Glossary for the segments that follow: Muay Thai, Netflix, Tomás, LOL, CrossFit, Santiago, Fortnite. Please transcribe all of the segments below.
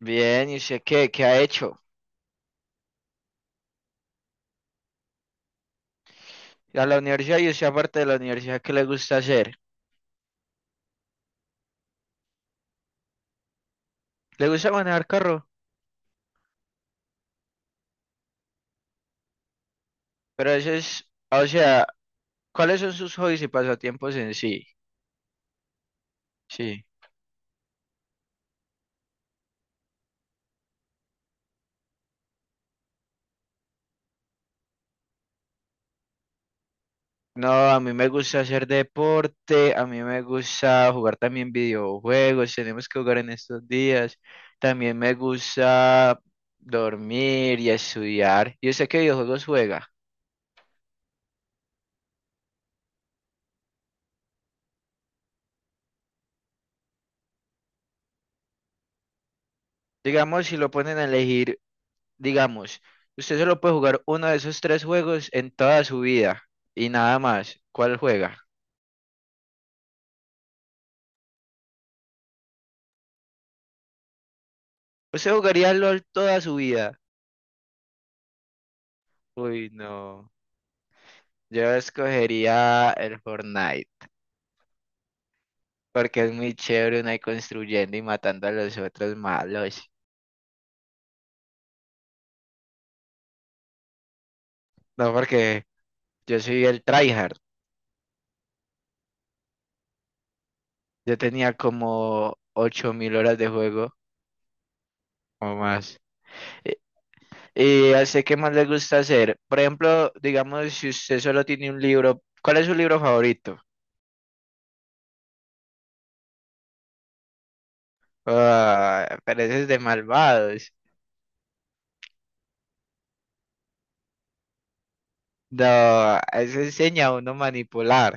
Bien, ¿y usted qué? ¿Qué ha hecho? A la universidad y usted aparte de la universidad, ¿qué le gusta hacer? Le gusta manejar carro, pero eso es, o sea, ¿cuáles son sus hobbies y pasatiempos en sí? Sí. No, a mí me gusta hacer deporte, a mí me gusta jugar también videojuegos, tenemos que jugar en estos días. También me gusta dormir y estudiar. ¿Y usted qué videojuegos juega? Digamos, si lo ponen a elegir. Digamos, usted solo puede jugar uno de esos tres juegos en toda su vida y nada más. ¿Cuál juega? ¿Usted jugaría LOL toda su vida? Uy, no. Yo escogería el Fortnite porque es muy chévere uno ahí construyendo y matando a los otros malos. No, porque yo soy el tryhard. Yo tenía como 8000 horas de juego o más. Y así qué más le gusta hacer. Por ejemplo, digamos, si usted solo tiene un libro, ¿cuál es su libro favorito? Ah, pero eso es de malvados. No, eso enseña a uno manipular.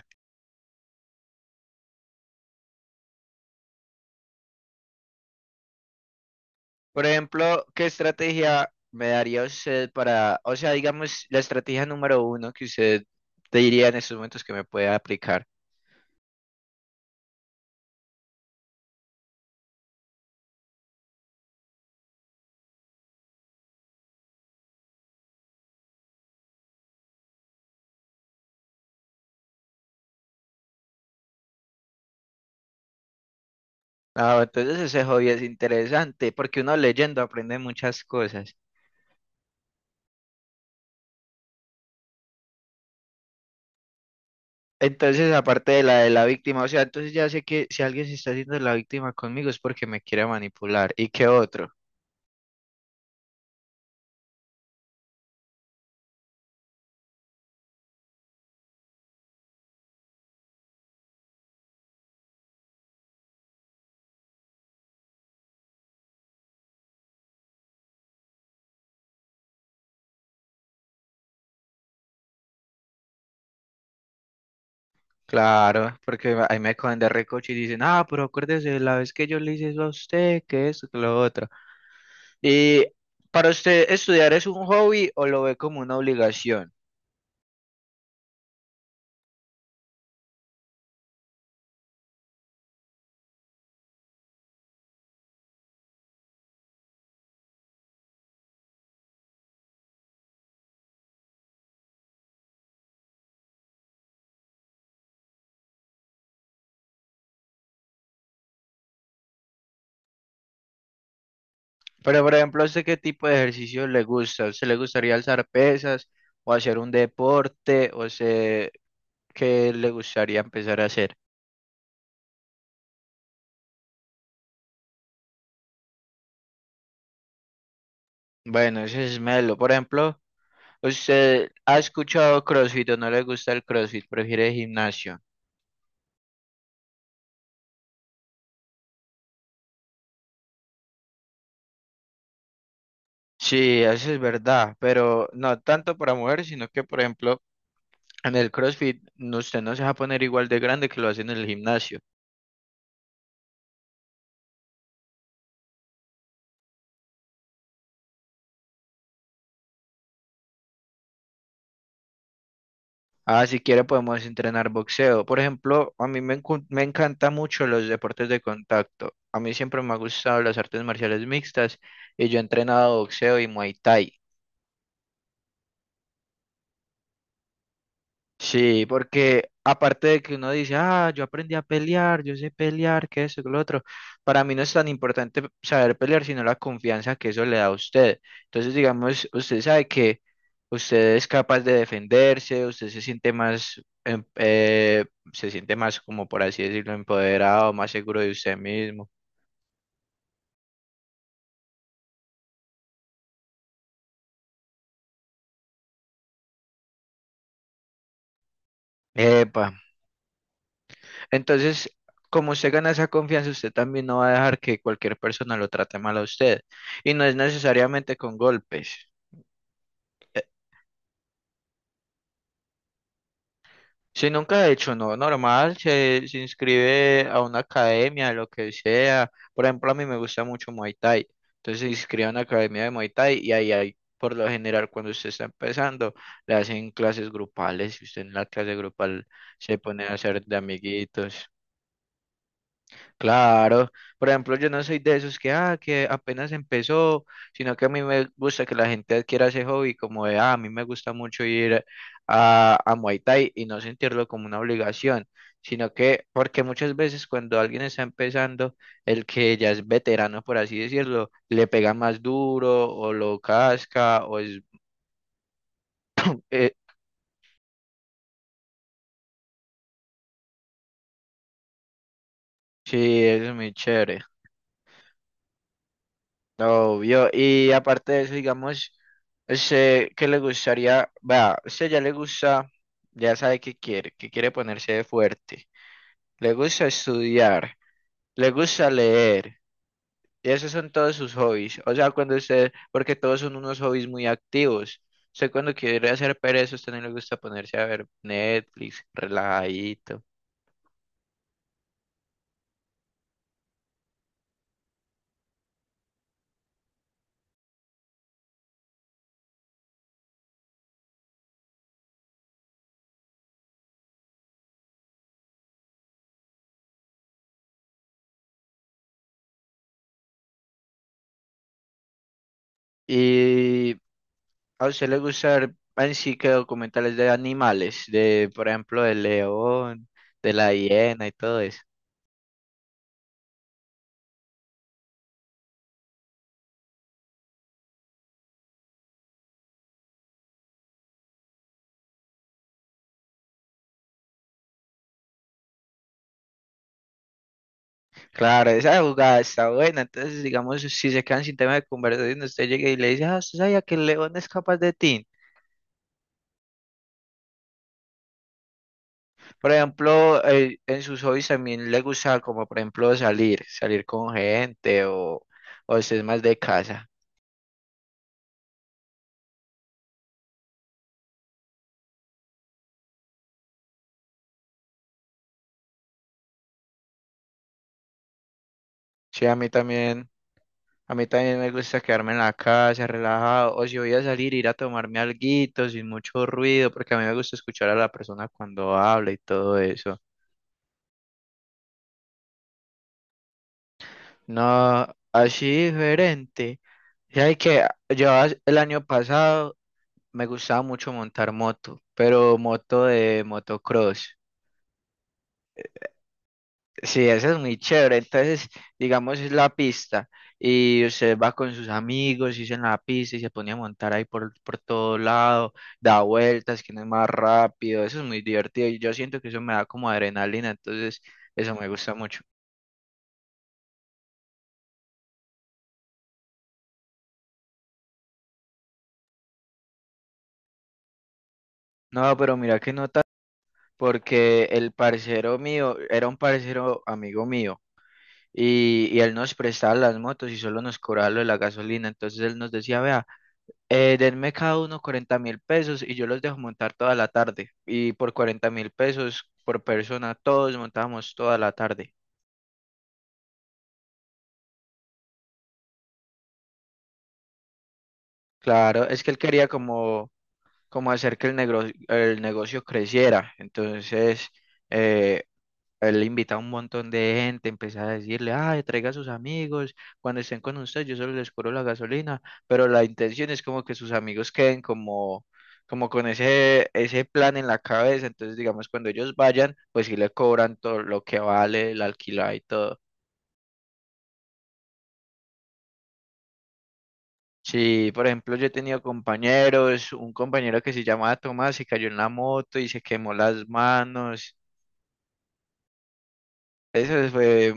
Por ejemplo, ¿qué estrategia me daría usted para, o sea, digamos, la estrategia número uno que usted te diría en estos momentos que me puede aplicar? Ah, entonces ese hobby es interesante porque uno leyendo aprende muchas cosas. Entonces, aparte de la víctima, o sea, entonces ya sé que si alguien se está haciendo la víctima conmigo es porque me quiere manipular. ¿Y qué otro? Claro, porque ahí me cogen de recoche y dicen, ah, pero acuérdese la vez que yo le hice eso a usted, que esto, que lo otro. Y para usted, ¿estudiar es un hobby o lo ve como una obligación? Pero, por ejemplo, ¿a usted qué tipo de ejercicio le gusta? ¿A usted le gustaría alzar pesas o hacer un deporte? ¿O sé qué le gustaría empezar a hacer? Bueno, ese es melo. Por ejemplo, ¿usted ha escuchado CrossFit o no le gusta el CrossFit? ¿Prefiere gimnasio? Sí, eso es verdad, pero no tanto para mujeres, sino que, por ejemplo, en el CrossFit no- usted no se va a poner igual de grande que lo hace en el gimnasio. Ah, si quiere podemos entrenar boxeo. Por ejemplo, a mí me, encu- me encanta mucho los deportes de contacto. A mí siempre me ha gustado las artes marciales mixtas y yo he entrenado boxeo y Muay Thai. Sí, porque aparte de que uno dice, ah, yo aprendí a pelear, yo sé pelear, que eso, que lo otro, para mí no es tan importante saber pelear, sino la confianza que eso le da a usted. Entonces, digamos, usted sabe que usted es capaz de defenderse, usted se siente más, em- se siente más, como por así decirlo, empoderado, más seguro de usted mismo. Epa. Entonces, como usted gana esa confianza, usted también no va a dejar que cualquier persona lo trate mal a usted. Y no es necesariamente con golpes. Si nunca ha hecho, no, normal, se inscribe a una academia, lo que sea. Por ejemplo, a mí me gusta mucho Muay Thai. Entonces se inscribe a una academia de Muay Thai y ahí hay, por lo general, cuando usted está empezando, le hacen clases grupales y usted en la clase grupal se pone a hacer de amiguitos. Claro, por ejemplo, yo no soy de esos que, ah, que apenas empezó, sino que a mí me gusta que la gente adquiera ese hobby, como de, ah, a mí me gusta mucho ir a Muay Thai y no sentirlo como una obligación, sino que, porque muchas veces cuando alguien está empezando, el que ya es veterano, por así decirlo, le pega más duro o lo casca, o es, eh, sí, eso es muy chévere. Obvio, y aparte de eso, digamos, sé que le gustaría, vea, usted ya le gusta, ya sabe que quiere ponerse de fuerte, le gusta estudiar, le gusta leer, y esos son todos sus hobbies, o sea, cuando usted, porque todos son unos hobbies muy activos, usted cuando quiere hacer pereza, a usted no le gusta ponerse a ver Netflix, relajadito. Y a usted le gusta ver en sí que documentales de animales, de por ejemplo del león, de la hiena y todo eso. Claro, esa jugada está buena. Entonces, digamos, si se quedan sin tema de conversación, usted llega y le dice, ah, usted sabía que el león es capaz de ti. Por ejemplo, en sus hobbies también le gusta como por ejemplo salir, salir con gente o usted es más de casa. Sí, a mí también. A mí también me gusta quedarme en la casa, relajado, o si voy a salir, ir a tomarme alguito sin mucho ruido, porque a mí me gusta escuchar a la persona cuando habla y todo eso. No, así diferente. Ya que yo as- el año pasado me gustaba mucho montar moto, pero moto de motocross. Sí, esa es muy chévere. Entonces, digamos, es la pista y usted va con sus amigos y en la pista y se pone a montar ahí por todo lado, da vueltas, quién es más rápido. Eso es muy divertido y yo siento que eso me da como adrenalina. Entonces, eso me gusta mucho. No, pero mira qué nota, porque el parcero mío era un parcero amigo mío y él nos prestaba las motos y solo nos cobraba lo de la gasolina. Entonces, él nos decía, vea. Denme cada uno 40.000 pesos y yo los dejo montar toda la tarde. Y por 40.000 pesos por persona, todos montamos toda la tarde. Claro, es que él quería como, como hacer que el negocio creciera. Entonces, eh, él invita a un montón de gente, empecé a decirle, ay, traiga a sus amigos, cuando estén con usted, yo solo les cobro la gasolina, pero la intención es como que sus amigos queden como, como con ese, ese plan en la cabeza, entonces digamos, cuando ellos vayan, pues sí le cobran todo lo que vale, el alquiler y todo. Sí, por ejemplo, yo he tenido compañeros, un compañero que se llamaba Tomás y cayó en la moto y se quemó las manos. Eso fue.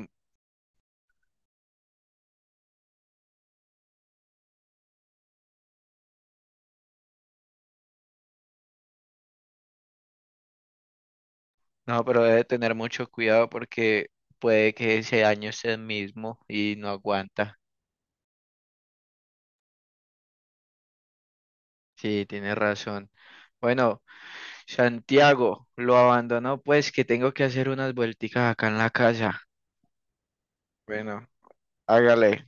No, pero debe tener mucho cuidado porque puede que ese daño sea el mismo y no aguanta. Sí, tiene razón. Bueno, Santiago lo abandonó, pues que tengo que hacer unas vuelticas acá en la casa. Bueno, hágale.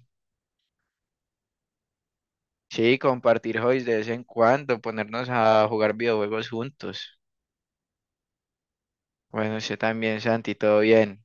Sí, compartir hobbies de vez en cuando, ponernos a jugar videojuegos juntos. Bueno, usted también, Santi, todo bien.